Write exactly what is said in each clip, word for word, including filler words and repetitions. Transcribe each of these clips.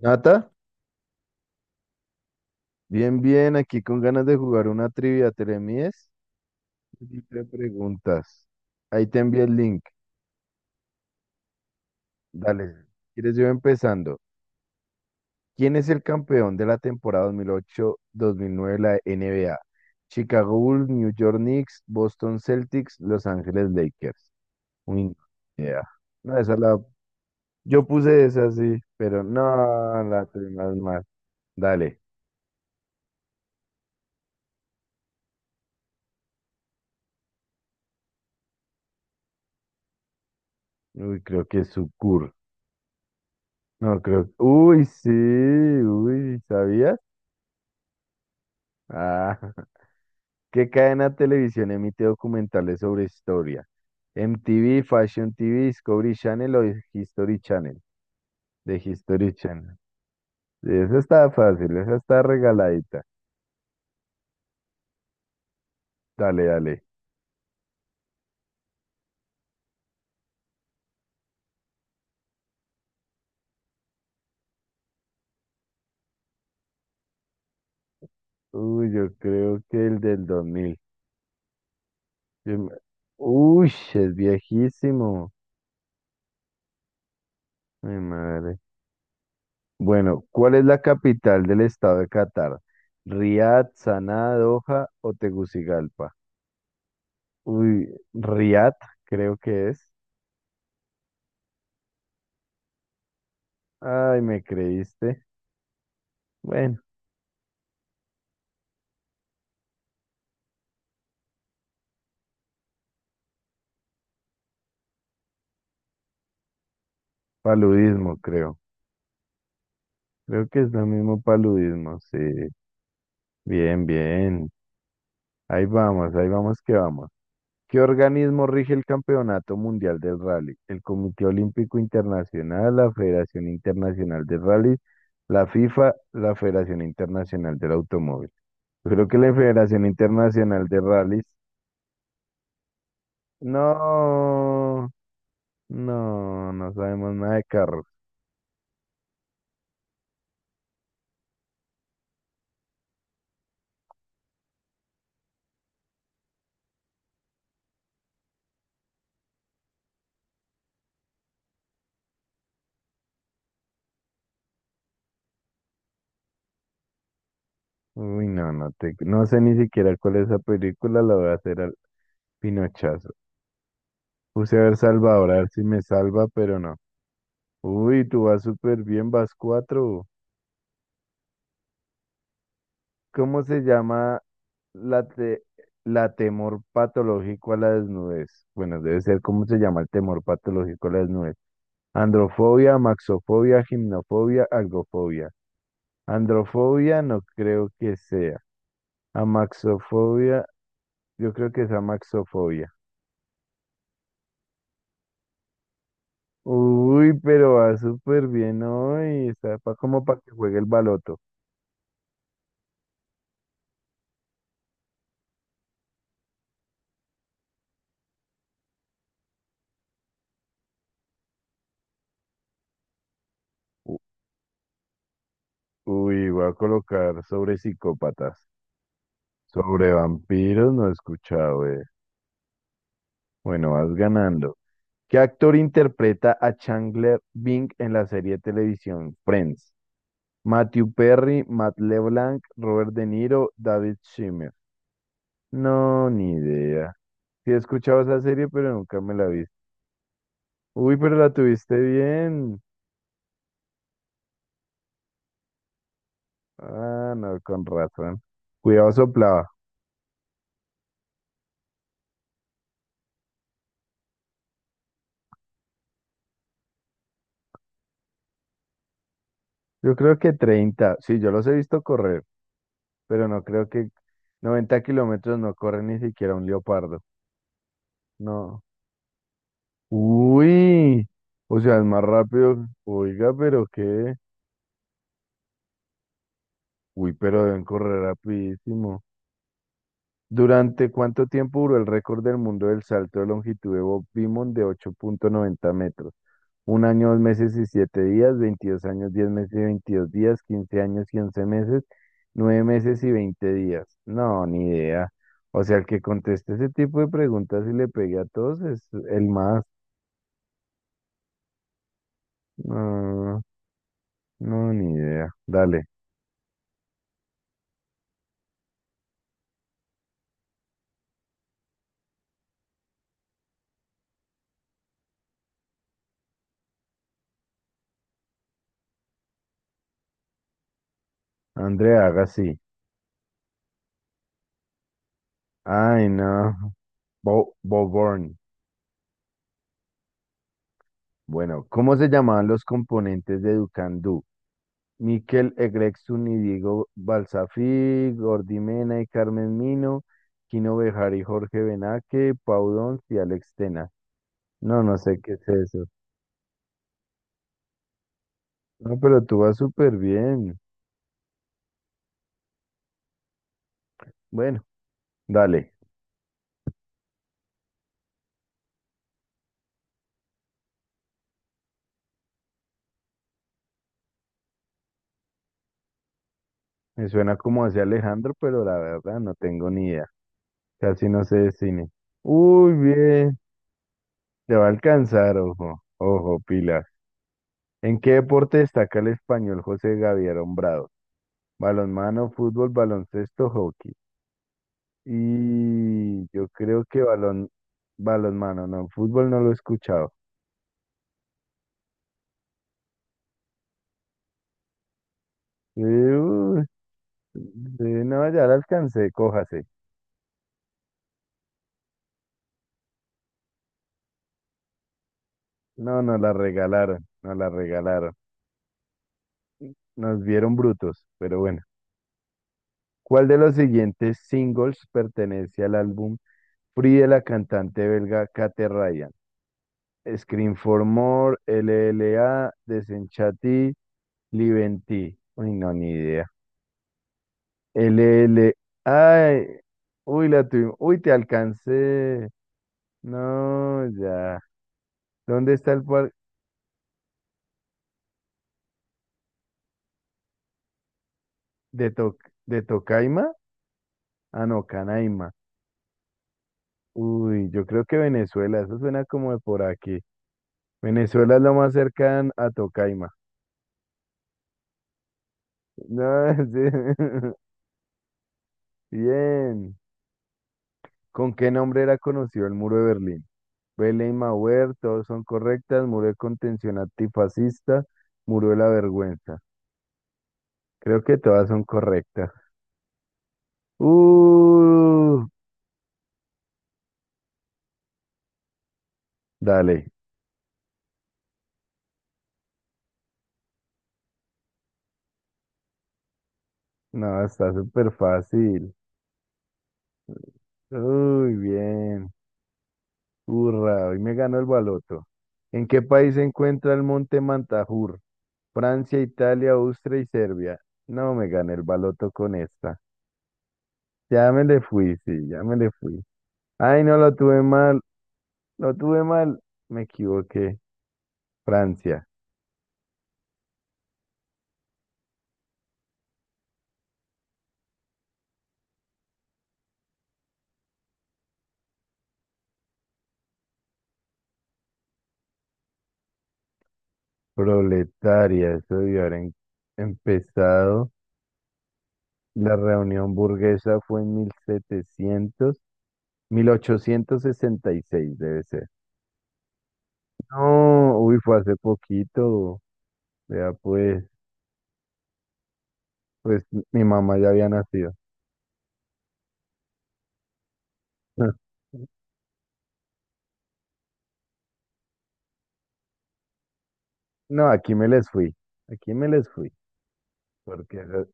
Nata, bien, bien, aquí con ganas de jugar una trivia, ¿te le mides? Y te preguntas. Ahí te envié el link. Dale, ¿quieres yo empezando? ¿Quién es el campeón de la temporada dos mil ocho-dos mil nueve de la N B A? Chicago Bulls, New York Knicks, Boston Celtics, Los Ángeles Lakers. Uy, no, ni idea. No, esa la... Yo puse esa, sí, pero no, la tenemos mal. Dale. Uy, creo que es Sucur. No, creo... Uy, sí, uy, ¿sabías? Ah, ¿qué cadena de televisión emite documentales sobre historia? M T V, Fashion T V, Discovery Channel o History Channel. De History Channel. Esa está fácil, esa está regaladita. Dale, dale. Uy, yo creo que el del dos mil. Yo me- Uy, es viejísimo. Mi madre. Bueno, ¿cuál es la capital del estado de Qatar? ¿Riad, Saná, Doha o Tegucigalpa? Uy, Riad, creo que es. Ay, me creíste. Bueno, paludismo, creo. Creo que es lo mismo paludismo, sí. Bien, bien. Ahí vamos, ahí vamos que vamos. ¿Qué organismo rige el Campeonato Mundial del Rally? El Comité Olímpico Internacional, la Federación Internacional de Rally, la FIFA, la Federación Internacional del Automóvil. Creo que la Federación Internacional de Rallys. No, no, no sabemos nada de carros. Uy, no, no te, no sé ni siquiera cuál es esa película, la voy a hacer al pinochazo. Puse a ver Salvador, a ver si me salva, pero no. Uy, tú vas súper bien, vas cuatro. ¿Cómo se llama la, te- la temor patológico a la desnudez? Bueno, debe ser cómo se llama el temor patológico a la desnudez. Androfobia, maxofobia, gimnofobia, algofobia. Androfobia no creo que sea. Amaxofobia, yo creo que es amaxofobia. Uy, pero va súper bien hoy. Está pa- como para que juegue el baloto. U- Uy, voy a colocar sobre psicópatas. Sobre vampiros no he escuchado, eh. Bueno, vas ganando. ¿Qué actor interpreta a Chandler Bing en la serie de televisión Friends? Matthew Perry, Matt LeBlanc, Robert De Niro, David Schwimmer. No, ni idea. Sí he escuchado esa serie, pero nunca me la vi. Uy, pero la tuviste bien. Ah, no, con razón. Cuidado soplaba. Yo creo que treinta. Sí, yo los he visto correr, pero no creo que noventa kilómetros no corre ni siquiera un leopardo. No. Uy. O sea, es más rápido. Oiga, pero qué. Uy, pero deben correr rapidísimo. ¿Durante cuánto tiempo duró el récord del mundo del salto de longitud de Bob Beamon de ocho punto noventa metros? Un año, dos meses y siete días, veintidós años, diez meses y veintidós días, quince años y once meses, nueve meses y veinte días. No, ni idea. O sea, el que conteste ese tipo de preguntas y le pegue a todos es el más. No, no, ni idea. Dale, Andrea, haga así. Ay, no. Bo Boborn. Bueno, ¿cómo se llamaban los componentes de Ducandú? Mikel Egrexun y Diego Balsafí, Gordy Mena y Carmen Mino, Kino Bejar y Jorge Benaque, Pau Dons y Alex Tena. No, no sé qué es eso. No, pero tú vas súper bien. Bueno, dale. Me suena como hacia Alejandro, pero la verdad no tengo ni idea. Casi no sé de cine. Uy, bien. Te va a alcanzar, ojo. Ojo, Pilar. ¿En qué deporte destaca el español José Gaviria Hombrado? Balonmano, fútbol, baloncesto, hockey. Y yo creo que balón, balonmano, no, fútbol no lo he escuchado. Eh, uh, eh, no, ya la alcancé, cójase. No, nos la regalaron, nos la regalaron. Nos vieron brutos, pero bueno. ¿Cuál de los siguientes singles pertenece al álbum Free de la cantante belga Kate Ryan? Scream for More, L L A, Desenchati, Live en Ti. Uy, no, ni idea. L L, Ay, uy, la tuvimos. Uy, te alcancé. No, ya. ¿Dónde está el parque? ¿De Toc- de Tocaima? Ah, no, Canaima. Uy, yo creo que Venezuela. Eso suena como de por aquí. Venezuela es lo más cercano a Tocaima. No, sí. Bien. ¿Con qué nombre era conocido el muro de Berlín? Belén Mauer, todos son correctas. Muro de contención antifascista, muro de la vergüenza. Creo que todas son correctas. Uh, dale. No, está súper fácil. Uy, bien. Hurra, hoy me ganó el baloto. ¿En qué país se encuentra el monte Mantajur? Francia, Italia, Austria y Serbia. No me gané el baloto con esta. Ya me le fui, sí, ya me le fui. Ay, no, lo tuve mal, lo tuve mal. Me equivoqué. Francia, proletaria, eso debió haber em- empezado. La reunión burguesa fue en mil setecientos mil ochocientos sesenta y seis debe ser. No, uy, fue hace poquito. Vea, pues, pues mi mamá ya había nacido. No, aquí me les fui. Aquí me les fui. Porque, eh,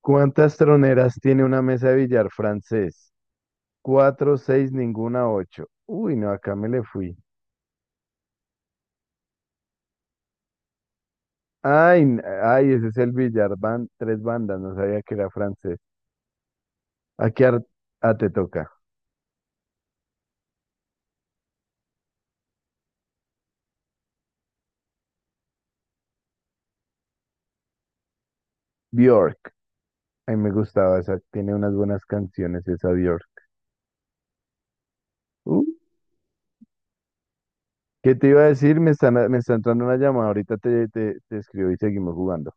¿cuántas troneras tiene una mesa de billar francés? Cuatro, seis, ninguna, ocho. Uy, no, acá me le fui. Ay, n- ay, ese es el billar, van tres bandas, no sabía que era francés. Aquí ar- ah, te toca. Bjork. Ay, me gustaba esa, tiene unas buenas canciones esa Bjork. ¿Qué te iba a decir? Me están, me está entrando una llamada. Ahorita te, te, te escribo y seguimos jugando.